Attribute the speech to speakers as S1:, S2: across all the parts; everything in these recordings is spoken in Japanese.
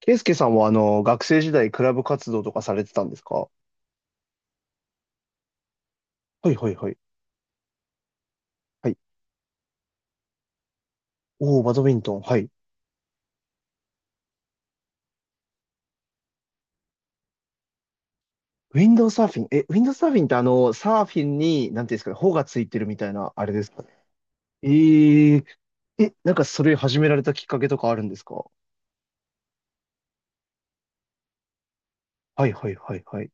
S1: ケイスケさんは学生時代クラブ活動とかされてたんですか？はいはいはい。はい。おー、バドミントン。はい。ウィンドウサーフィン。え、ウィンドウサーフィンってサーフィンに、なんていうんですかね、帆がついてるみたいな、あれですかね。えー、なんかそれ始められたきっかけとかあるんですか？はいはいはいはい。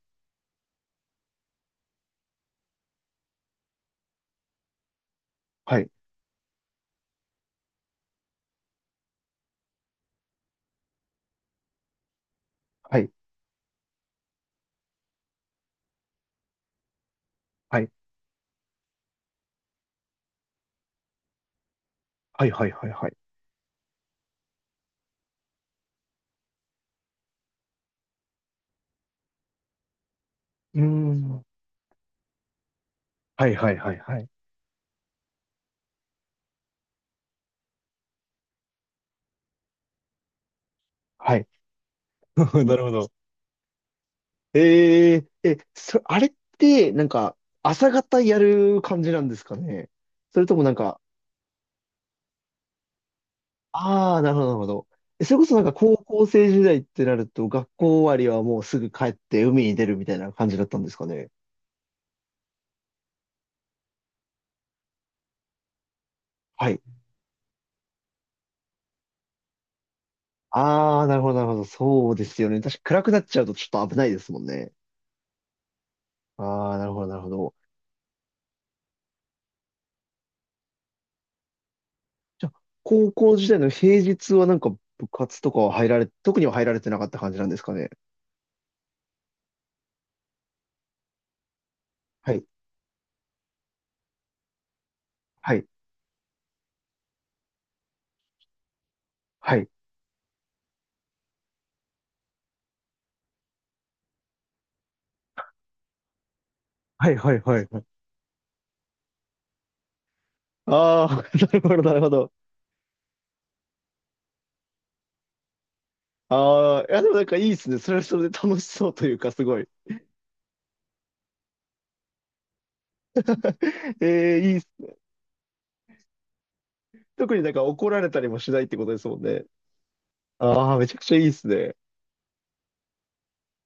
S1: はい。はい。はい。はいはいはいはい。うーん。はいはいはいはい。はい。なるほど。あれって、なんか、朝方やる感じなんですかね？それともなんか、ああ、なるほど、なるほど。えそれこそなんか高校生時代ってなると、学校終わりはもうすぐ帰って海に出るみたいな感じだったんですかね。はい。ああ、なるほど、なるほど。そうですよね。確か暗くなっちゃうとちょっと危ないですもんね。ああ、なるほど、なるほど。じゃあ、高校時代の平日はなんか部活とかは入られ、特には入られてなかった感じなんですかね。はい、はい、はい、はい、はい、はい。はい。ああ、なるほど、なるほど。ああ、いや、でもなんかいいですね。それはそれで楽しそうというか、すごい。えー、いいっすね。特になんか怒られたりもしないってことですもんね。ああ、めちゃくちゃいいですね。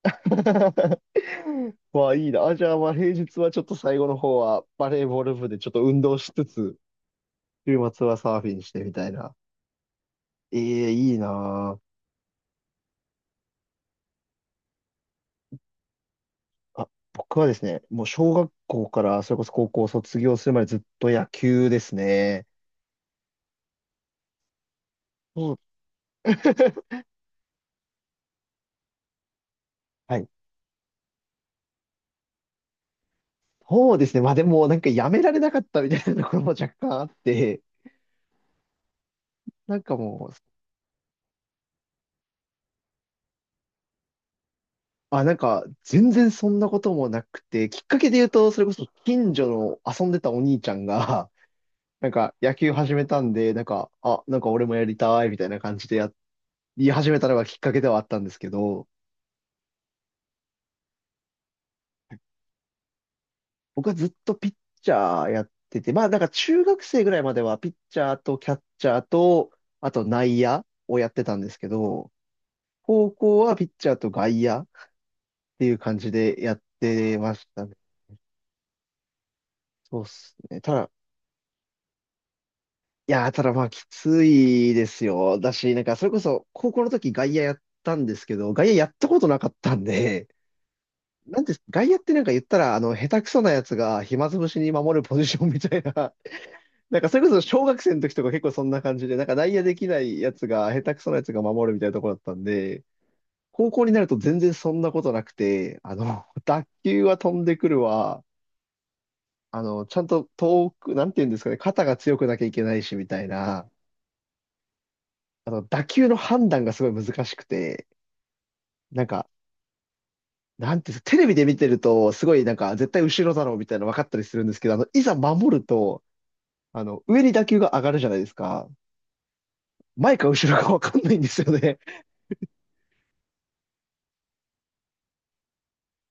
S1: まあいいな。あ、じゃあまあ平日はちょっと最後の方はバレーボール部でちょっと運動しつつ、週末はサーフィンしてみたいな。ええ、いいなあ。あ、僕はですね、もう小学校からそれこそ高校を卒業するまでずっと野球ですね。そう。 はい。そうですね。まあでもなんかやめられなかったみたいなところも若干あって、なんかもう、あ、なんか、全然そんなこともなくて、きっかけで言うと、それこそ近所の遊んでたお兄ちゃんが、なんか野球始めたんで、なんか、あ、なんか俺もやりたいみたいな感じでや、言い始めたのがきっかけではあったんですけど、僕はずっとピッチャーやってて、まあなんか中学生ぐらいまではピッチャーとキャッチャーと、あと内野をやってたんですけど、高校はピッチャーと外野っていう感じでやってましたね。そうっすね。ただ、いやー、ただまあ、きついですよ。だし、なんか、それこそ、高校の時外野やったんですけど、外野やったことなかったんで、なんて、外野ってなんか言ったら、下手くそなやつが暇つぶしに守るポジションみたいな、なんか、それこそ小学生の時とか結構そんな感じで、なんか内野できないやつが、下手くそなやつが守るみたいなところだったんで、高校になると全然そんなことなくて、打球は飛んでくるわ、ちゃんと遠く、なんて言うんですかね、肩が強くなきゃいけないし、みたいな。打球の判断がすごい難しくて、なんか、なんていうんですか、テレビで見てると、すごいなんか、絶対後ろだろうみたいなの分かったりするんですけど、いざ守ると、上に打球が上がるじゃないですか。前か後ろか分かんないんですよね。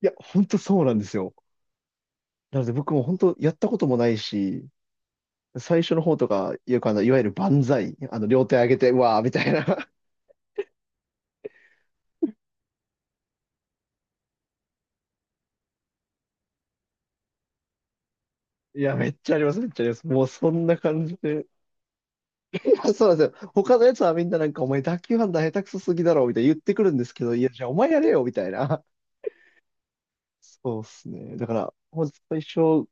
S1: いや、ほんとそうなんですよ。なので僕も本当やったこともないし、最初の方とか、よくいわゆる万歳、両手上げて、うわーみたいな。いや、めっちゃあります、めっちゃあります。もうそんな感じで。あそうなんですよ。他のやつはみんななんか、お前打球判断下手くそすぎだろ、みたいな言ってくるんですけど、いや、じゃあお前やれよ、みたいな。そうっすね。だから、ほんと一生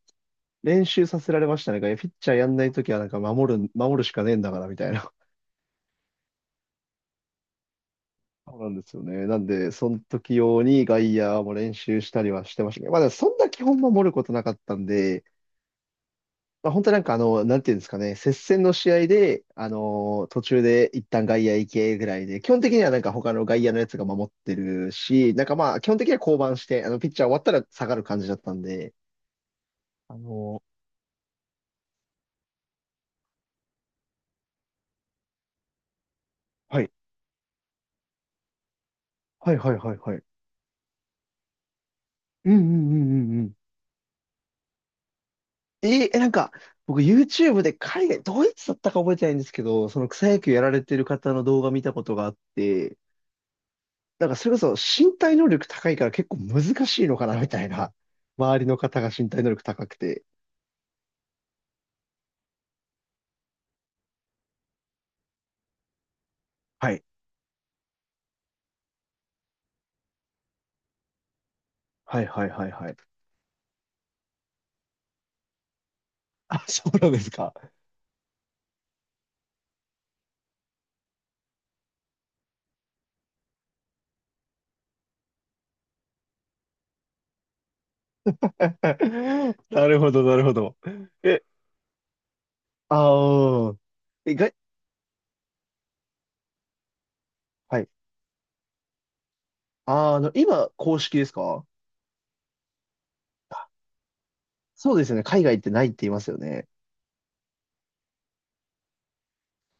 S1: 練習させられましたね。いやピッチャーやんないときはなんか守るしかねえんだから、みたいな。そうなんですよね。なんで、その時用に外野も練習したりはしてましたね。まあ、でもそんな基本守ることなかったんで、まあ、本当になんかなんていうんですかね、接戦の試合で、あのー途中で一旦外野行けぐらいで、基本的にはなんか他の外野のやつが守ってるし、なんかまあ、基本的には降板して、ピッチャー終わったら下がる感じだったんで、あのーはい。はいはいはいはい。うんうんうんうんうん。えーえ、なんか、僕 YouTube で海外、ドイツだったか覚えてないんですけど、その草野球やられてる方の動画見たことがあって、なんかそれこそ身体能力高いから結構難しいのかなみたいな。周りの方が身体能力高くて。はい。はいはいはいはい。あ、そうなんですか。なるほど、なるほど。え、ああ、え、が、はい。あー、今、公式ですか？そうですよね。海外ってないって言いますよね。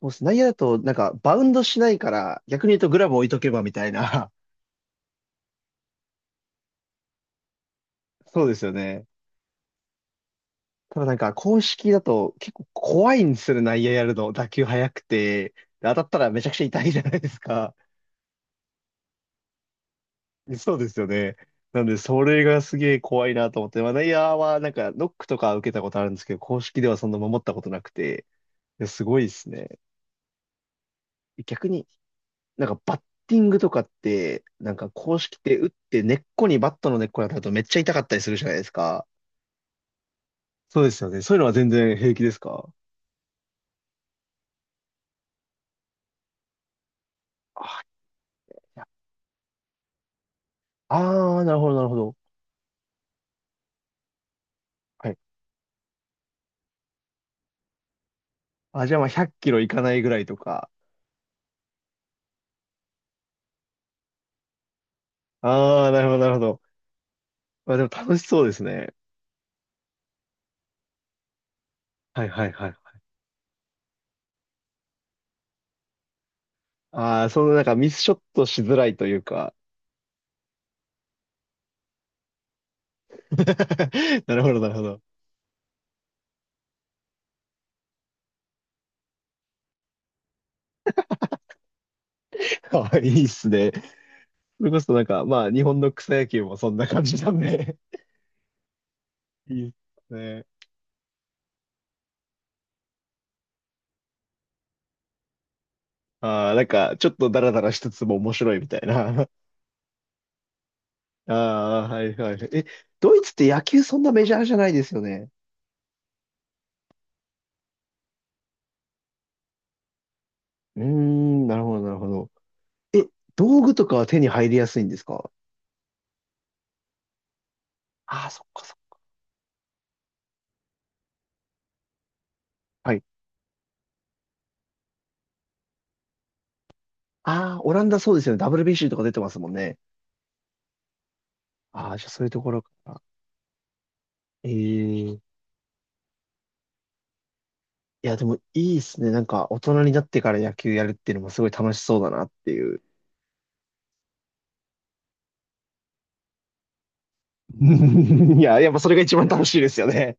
S1: もう内野だと、なんか、バウンドしないから、逆に言うとグラブ置いとけばみたいな。そうですよね。ただなんか、公式だと結構怖いんですよね、内野やるの。打球速くて。で当たったらめちゃくちゃ痛いじゃないですか。そうですよね。なんで、それがすげえ怖いなと思って、まあ、内野はなんかノックとか受けたことあるんですけど、公式ではそんな守ったことなくて、いやすごいですね。逆になんかバッティングとかって、なんか公式って打って根っこにバットの根っこに当たるとめっちゃ痛かったりするじゃないですか。そうですよね。そういうのは全然平気ですか？あ、いや、あー、なるほど、なるほど。はい。あ、じゃあまあ100キロいかないぐらいとか。ああ、なるほど、なるほど。まあでも楽しそうですね。はいはいはい。ああ、そのなんかミスショットしづらいというか。なるほど、なるほど。あいいっすね。それこそなんか、まあ、日本の草野球もそんな感じなんで。いいっすね。ああ、なんか、ちょっとダラダラしつつも面白いみたいな。ああ、はいはい。え、ドイツって野球そんなメジャーじゃないですよね。うーん、なるほど、なるほど。え、道具とかは手に入りやすいんですか？ああ、そっかそっか。はい。ああ、オランダそうですよね。WBC とか出てますもんね。ああ、じゃあそういうところかな。ええ、いや、でもいいっすね。なんか、大人になってから野球やるっていうのもすごい楽しそうだなっていう。いや、やっぱそれが一番楽しいですよね。